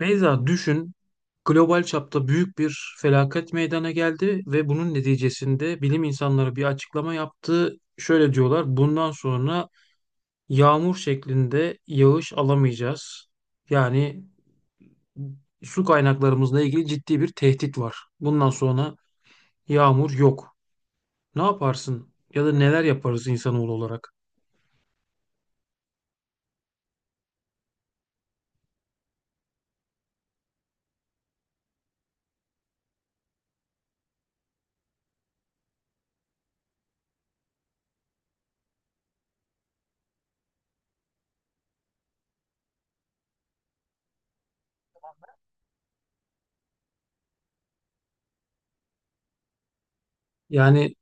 Beyza düşün, global çapta büyük bir felaket meydana geldi ve bunun neticesinde bilim insanları bir açıklama yaptı. Şöyle diyorlar, bundan sonra yağmur şeklinde yağış alamayacağız. Yani su kaynaklarımızla ilgili ciddi bir tehdit var. Bundan sonra yağmur yok. Ne yaparsın ya da neler yaparız insanoğlu olarak? Yani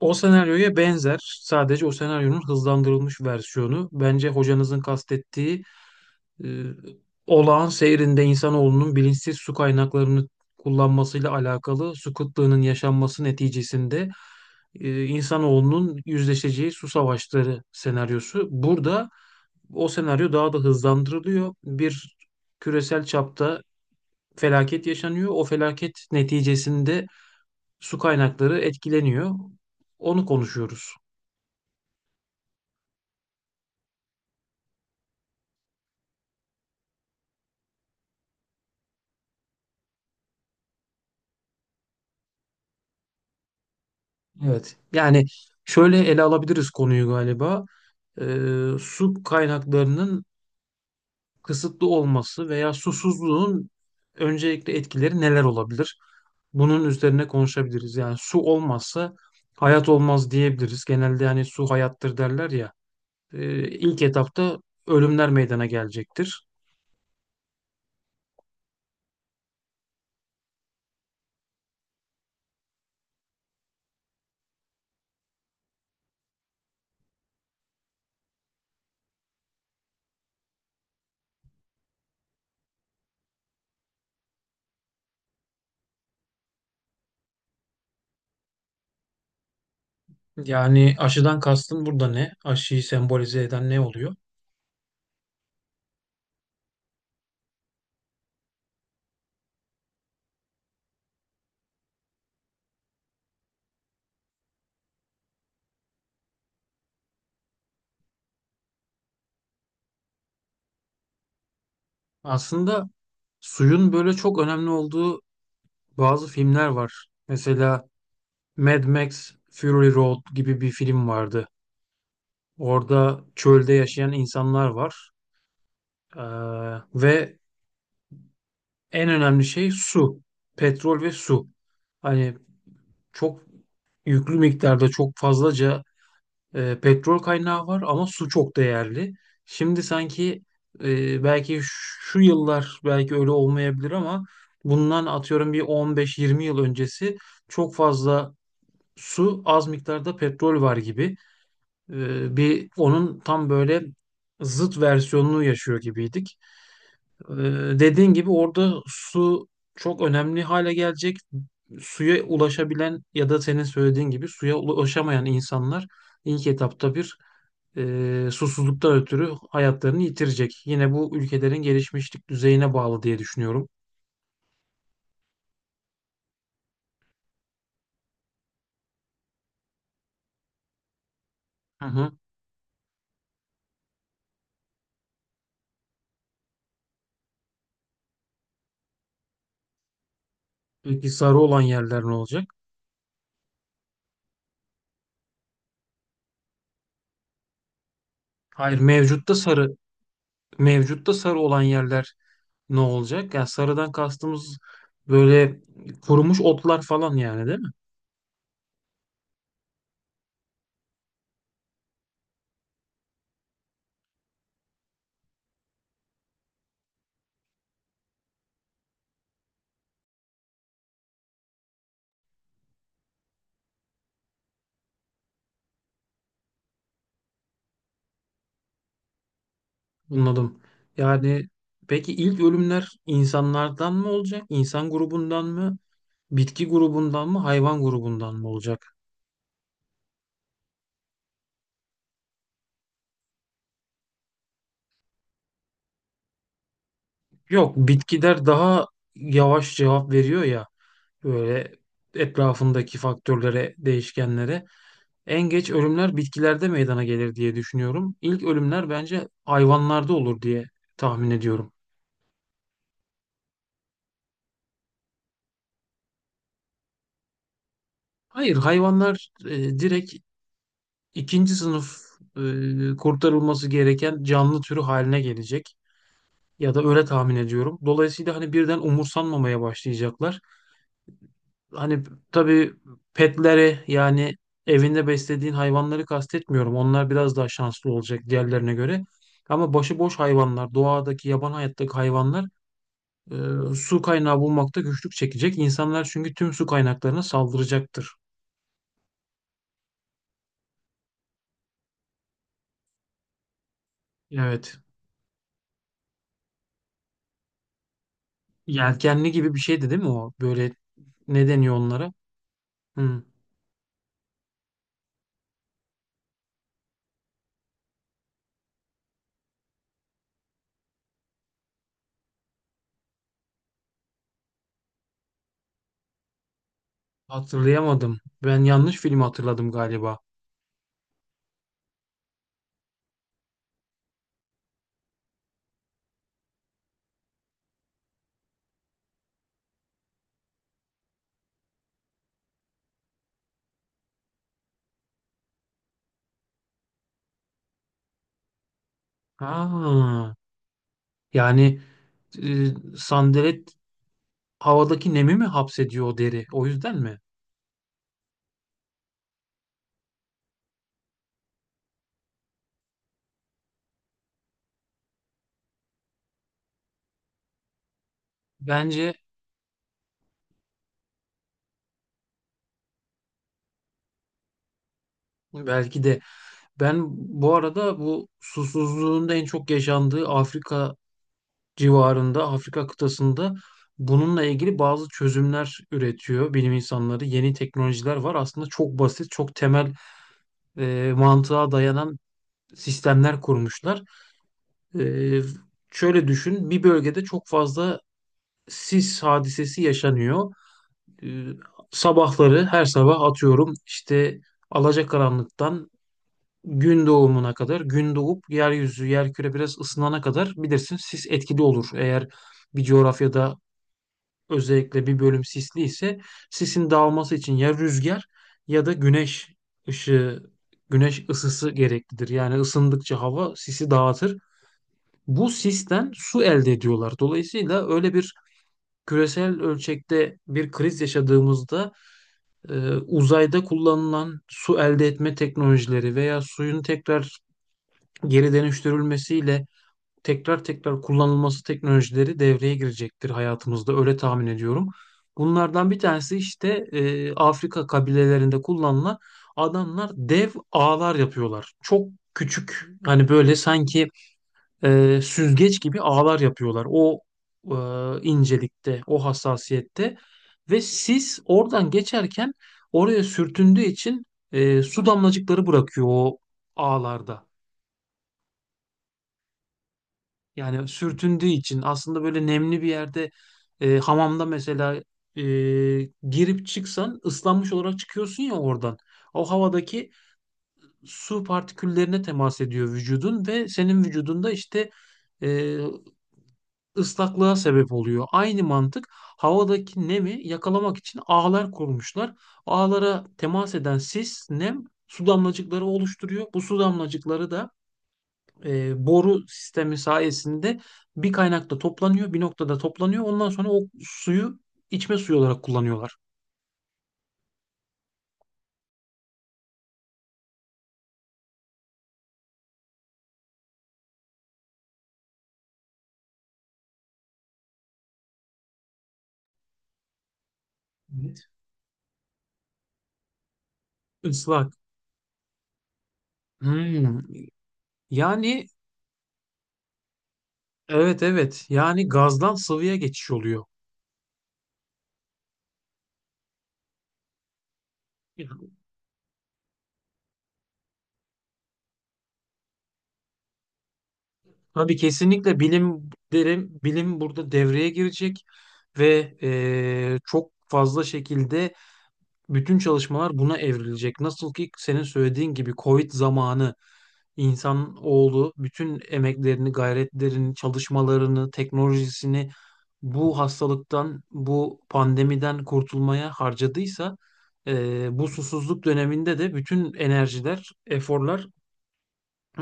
o senaryoya benzer, sadece o senaryonun hızlandırılmış versiyonu. Bence hocanızın kastettiği e, olağan seyrinde insanoğlunun bilinçsiz su kaynaklarını kullanmasıyla alakalı su kıtlığının yaşanması neticesinde insanoğlunun yüzleşeceği su savaşları senaryosu. Burada o senaryo daha da hızlandırılıyor. Bir küresel çapta felaket yaşanıyor. O felaket neticesinde su kaynakları etkileniyor. Onu konuşuyoruz. Evet. Yani şöyle ele alabiliriz konuyu galiba. Su kaynaklarının kısıtlı olması veya susuzluğun öncelikle etkileri neler olabilir? Bunun üzerine konuşabiliriz. Yani su olmazsa hayat olmaz diyebiliriz. Genelde hani su hayattır derler ya. İlk etapta ölümler meydana gelecektir. Yani aşıdan kastım burada ne? Aşıyı sembolize eden ne oluyor? Aslında suyun böyle çok önemli olduğu bazı filmler var. Mesela Mad Max Fury Road gibi bir film vardı. Orada çölde yaşayan insanlar var. Ee, ve en önemli şey su. Petrol ve su. Hani çok yüklü miktarda çok fazlaca petrol kaynağı var ama su çok değerli. Şimdi sanki belki şu yıllar belki öyle olmayabilir ama bundan atıyorum bir 15-20 yıl öncesi çok fazla su az miktarda petrol var gibi. Bir onun tam böyle zıt versiyonunu yaşıyor gibiydik. E, dediğin gibi orada su çok önemli hale gelecek. Suya ulaşabilen ya da senin söylediğin gibi suya ulaşamayan insanlar ilk etapta bir susuzluktan ötürü hayatlarını yitirecek. Yine bu ülkelerin gelişmişlik düzeyine bağlı diye düşünüyorum. Hı hı. Peki sarı olan yerler ne olacak? Hayır, mevcutta sarı olan yerler ne olacak? Yani sarıdan kastımız böyle kurumuş otlar falan yani değil mi? Anladım. Yani peki ilk ölümler insanlardan mı olacak? İnsan grubundan mı? Bitki grubundan mı? Hayvan grubundan mı olacak? Yok, bitkiler daha yavaş cevap veriyor ya. Böyle etrafındaki faktörlere, değişkenlere. En geç ölümler bitkilerde meydana gelir diye düşünüyorum. İlk ölümler bence hayvanlarda olur diye tahmin ediyorum. Hayır, hayvanlar direkt ikinci sınıf kurtarılması gereken canlı türü haline gelecek ya da öyle tahmin ediyorum. Dolayısıyla hani birden umursanmamaya başlayacaklar. Hani tabii petleri yani evinde beslediğin hayvanları kastetmiyorum. Onlar biraz daha şanslı olacak diğerlerine göre. Ama başıboş hayvanlar, doğadaki, yaban hayattaki hayvanlar e, su kaynağı bulmakta güçlük çekecek. İnsanlar çünkü tüm su kaynaklarına saldıracaktır. Evet. Yelkenli gibi bir şeydi değil mi o? Böyle ne deniyor onlara? Hı, hatırlayamadım. Ben yanlış film hatırladım galiba. Ha, yani e, sandalet havadaki nemi mi hapsediyor o deri? O yüzden mi? Bence belki de. Ben bu arada bu susuzluğun da en çok yaşandığı Afrika civarında, Afrika kıtasında bununla ilgili bazı çözümler üretiyor bilim insanları. Yeni teknolojiler var. Aslında çok basit, çok temel mantığa dayanan sistemler kurmuşlar. E, şöyle düşün, bir bölgede çok fazla sis hadisesi yaşanıyor. Ee, sabahları her sabah atıyorum işte alacakaranlıktan gün doğumuna kadar gün doğup yeryüzü yerküre biraz ısınana kadar bilirsin sis etkili olur. Eğer bir coğrafyada özellikle bir bölüm sisli ise sisin dağılması için ya rüzgar ya da güneş ışığı güneş ısısı gereklidir. Yani ısındıkça hava sisi dağıtır. Bu sisten su elde ediyorlar. Dolayısıyla öyle bir küresel ölçekte bir kriz yaşadığımızda uzayda kullanılan su elde etme teknolojileri veya suyun tekrar geri dönüştürülmesiyle tekrar tekrar kullanılması teknolojileri devreye girecektir hayatımızda öyle tahmin ediyorum. Bunlardan bir tanesi işte Afrika kabilelerinde kullanılan adamlar dev ağlar yapıyorlar. Çok küçük hani böyle sanki süzgeç gibi ağlar yapıyorlar. O e, incelikte, o hassasiyette ve sis oradan geçerken oraya sürtündüğü için su damlacıkları bırakıyor o ağlarda. Yani sürtündüğü için aslında böyle nemli bir yerde hamamda mesela e, girip çıksan ıslanmış olarak çıkıyorsun ya oradan. O havadaki su partiküllerine temas ediyor vücudun ve senin vücudunda işte e, ıslaklığa sebep oluyor. Aynı mantık havadaki nemi yakalamak için ağlar kurmuşlar. Ağlara temas eden sis, nem su damlacıkları oluşturuyor. Bu su damlacıkları da boru sistemi sayesinde bir kaynakta toplanıyor, bir noktada toplanıyor. Ondan sonra o suyu içme suyu olarak kullanıyorlar. Evet. Islak. Hmm. Yani evet evet yani gazdan sıvıya geçiş oluyor. Tabii kesinlikle bilim derim, bilim burada devreye girecek ve çok fazla şekilde bütün çalışmalar buna evrilecek. Nasıl ki senin söylediğin gibi Covid zamanı insan oğlu bütün emeklerini, gayretlerini, çalışmalarını, teknolojisini bu hastalıktan, bu pandemiden kurtulmaya harcadıysa bu susuzluk döneminde de bütün enerjiler, eforlar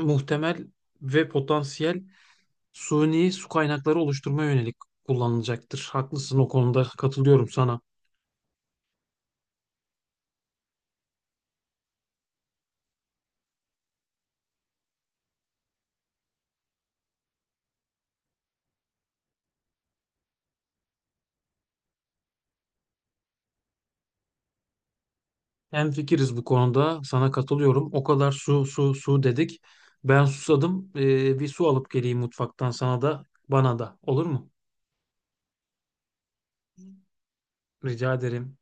muhtemel ve potansiyel suni su kaynakları oluşturmaya yönelik kullanılacaktır. Haklısın o konuda katılıyorum sana. Hemfikiriz bu konuda sana katılıyorum. O kadar su su su dedik. Ben susadım. Bir su alıp geleyim mutfaktan sana da bana da olur mu? Rica ederim.